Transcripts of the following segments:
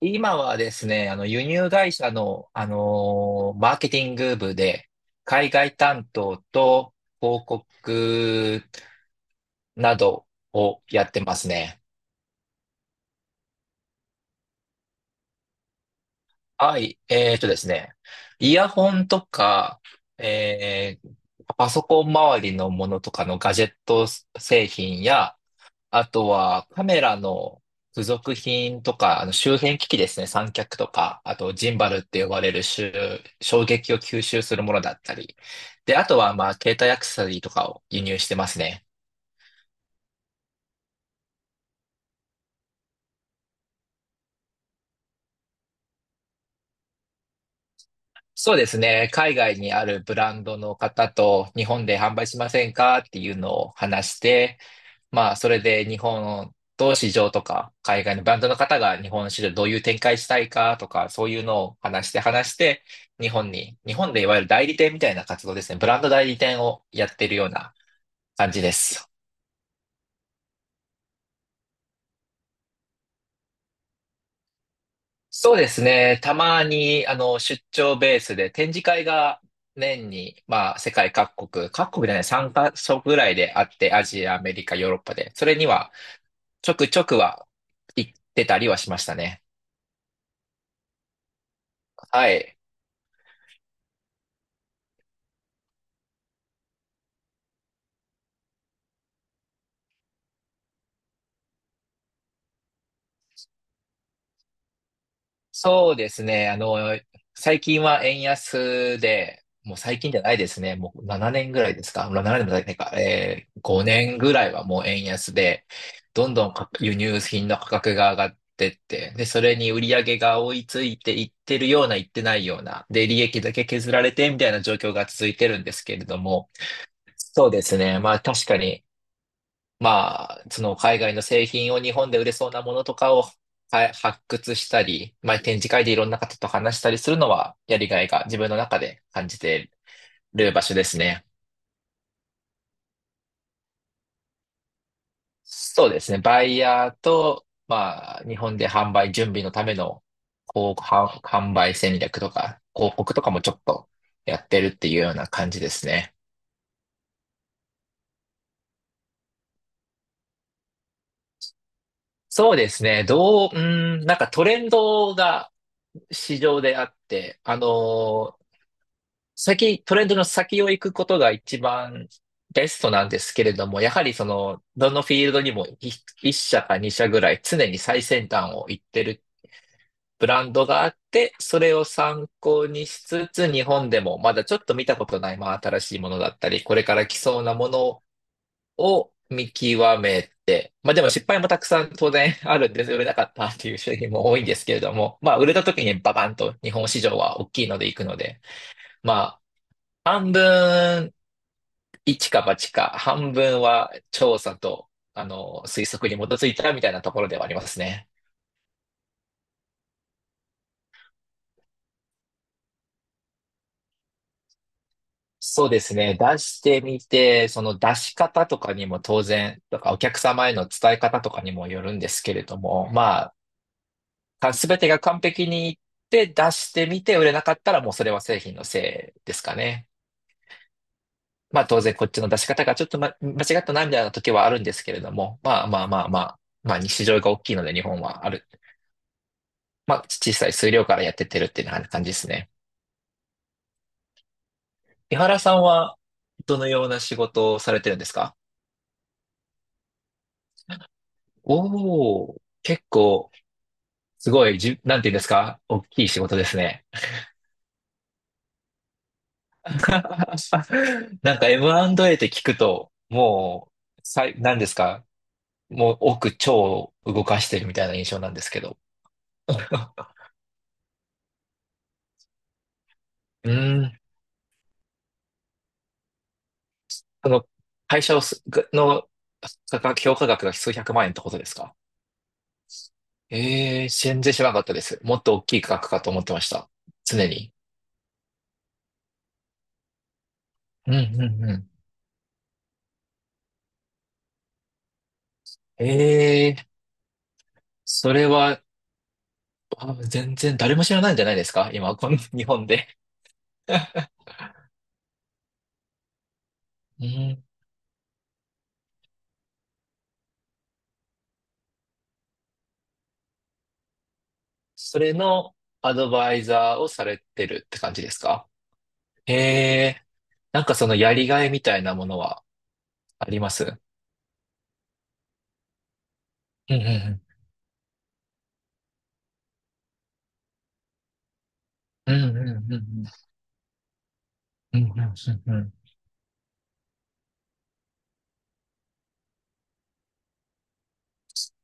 今はですね、輸入会社の、マーケティング部で、海外担当と広告などをやってますね。はい。ですね、イヤホンとか、えーパソコン周りのものとかのガジェット製品や、あとはカメラの付属品とか、周辺機器ですね、三脚とか、あとジンバルって呼ばれる周衝撃を吸収するものだったり。で、あとはまあ携帯アクセサリーとかを輸入してますね。そうですね、海外にあるブランドの方と日本で販売しませんかっていうのを話して、まあ、それで日本と市場とか、海外のブランドの方が日本の市場どういう展開したいかとか、そういうのを話して話して、日本でいわゆる代理店みたいな活動ですね。ブランド代理店をやってるような感じです。そうですね。たまに、出張ベースで展示会が年に、まあ、世界各国、各国じゃない、3カ所ぐらいであって、アジア、アメリカ、ヨーロッパで、それには、ちょくちょくは行ってたりはしましたね。はい。そうですね。最近は円安で、もう最近じゃないですね。もう7年ぐらいですか。7年もないか。5年ぐらいはもう円安で、どんどんか輸入品の価格が上がってって、で、それに売り上げが追いついていってるような、いってないような、で、利益だけ削られてみたいな状況が続いてるんですけれども、そうですね。まあ確かにまあ、その海外の製品を日本で売れそうなものとかを、はい、発掘したり、まあ、展示会でいろんな方と話したりするのはやりがいが自分の中で感じてる場所ですね。そうですね。バイヤーと、まあ、日本で販売準備のためのこう販売戦略とか、広告とかもちょっとやってるっていうような感じですね。そうですね。なんかトレンドが市場であって、先、トレンドの先を行くことが一番ベストなんですけれども、やはりその、どのフィールドにも一社か二社ぐらい常に最先端を行ってるブランドがあって、それを参考にしつつ、日本でもまだちょっと見たことない、まあ新しいものだったり、これから来そうなものを見極めて、まあでも失敗もたくさん当然あるんです。売れなかったっていう商品も多いんですけれども、まあ売れた時にババンと日本市場は大きいので行くので、まあ、半分一か八か、半分は調査と、推測に基づいたみたいなところではありますね。そうですね。出してみて、その出し方とかにも当然、とかお客様への伝え方とかにもよるんですけれども、まあ、すべてが完璧にいって出してみて売れなかったらもうそれは製品のせいですかね。まあ当然こっちの出し方がちょっと、間違ったなみたいな時はあるんですけれども、まあまあまあまあ、まあ市場が大きいので日本はあるまあ、小さい数量からやってってるっていうような感じですね。井原さんは、どのような仕事をされてるんですか？おおー、結構、すごい、なんて言うんですか？大きい仕事ですね。なんか M&A って聞くと、もう、なんですか？もう奥超動かしてるみたいな印象なんですけど。うーん、その、会社をす、の、価格、評価額が数百万円ってことですか？ええ、全然知らなかったです。もっと大きい額かと思ってました。常に。うん、うん、うん。ええ、それは、あ、全然誰も知らないんじゃないですか今、この 日本で。うん。それのアドバイザーをされてるって感じですか？ええ、なんかそのやりがいみたいなものはあります？うんうんうん。うんうんうんうん。うんうんうんうん。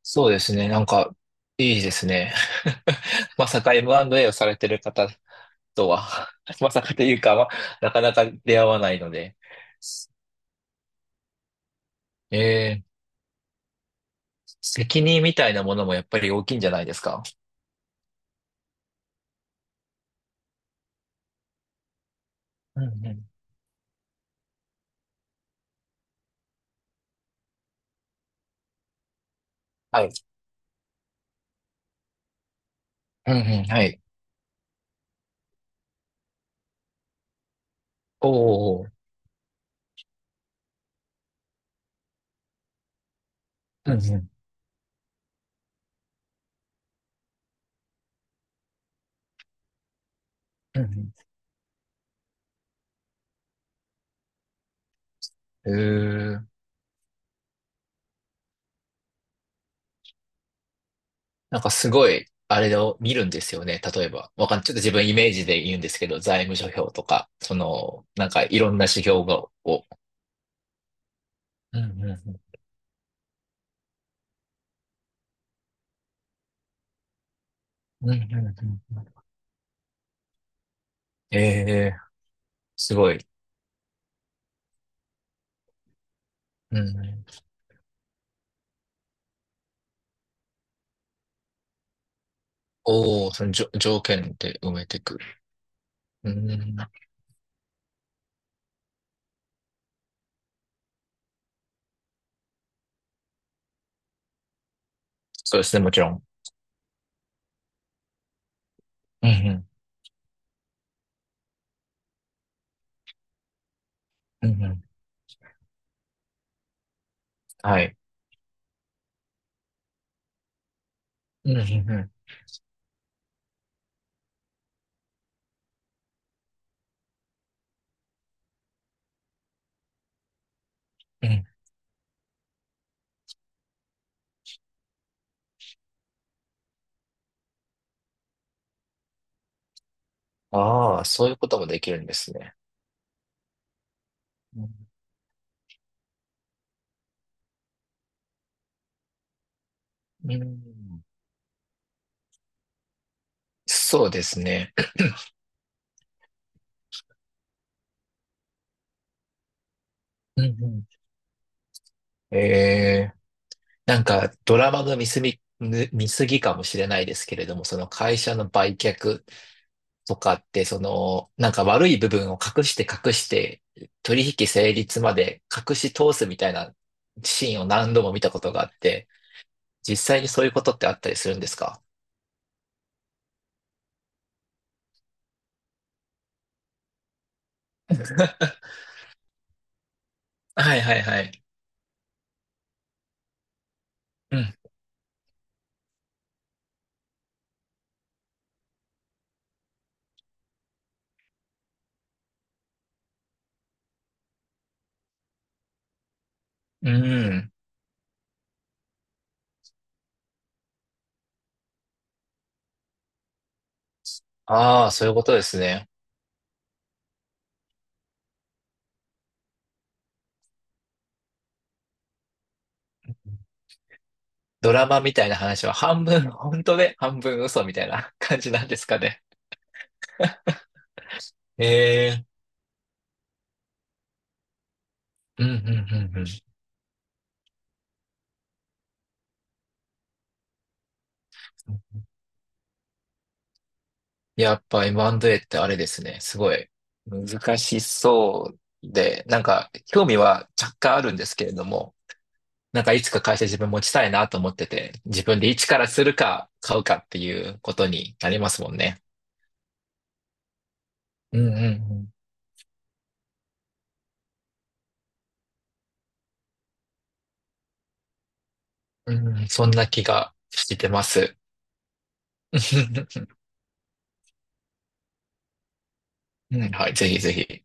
そうですね。なんか、いいですね。まさか M&A をされてる方とは、まさかというか、まあ、なかなか出会わないので、えー責任みたいなものもやっぱり大きいんじゃないですか。うんうん。はい。うんうん、はい。おお、うんうん、うんうん。うーん。なんかすごい、あれを見るんですよね。例えば、わかん、ちょっと自分イメージで言うんですけど、財務諸表とか、その、なんかいろんな指標が、を。うんうんうん。うんうんうんうん。ええ、すごい。うんうん。おお、その条件で埋めてくる。うん。そうですね、もちろん。うんうん。うんうん。はい。うんうんうん。うん。ああ、そういうこともできるんですね。うん。うん。そうですね。うんうん。ええ、なんかドラマの見すぎ、見過ぎかもしれないですけれども、その会社の売却とかって、その、なんか悪い部分を隠して隠して、取引成立まで隠し通すみたいなシーンを何度も見たことがあって、実際にそういうことってあったりするんですか？ はいはいはい。うん。うん。ああ、そういうことですね。ドラマみたいな話は半分本当で半分嘘みたいな感じなんですかね。ええ。うんうんうんうん。やっぱ M&A ってあれですね。すごい難しそうで、なんか興味は若干あるんですけれども、なんかいつか会社自分持ちたいなと思ってて、自分で一からするか買うかっていうことになりますもんね。うんうんうん。うん、そんな気がしてます。うん、はい、ぜひぜひ。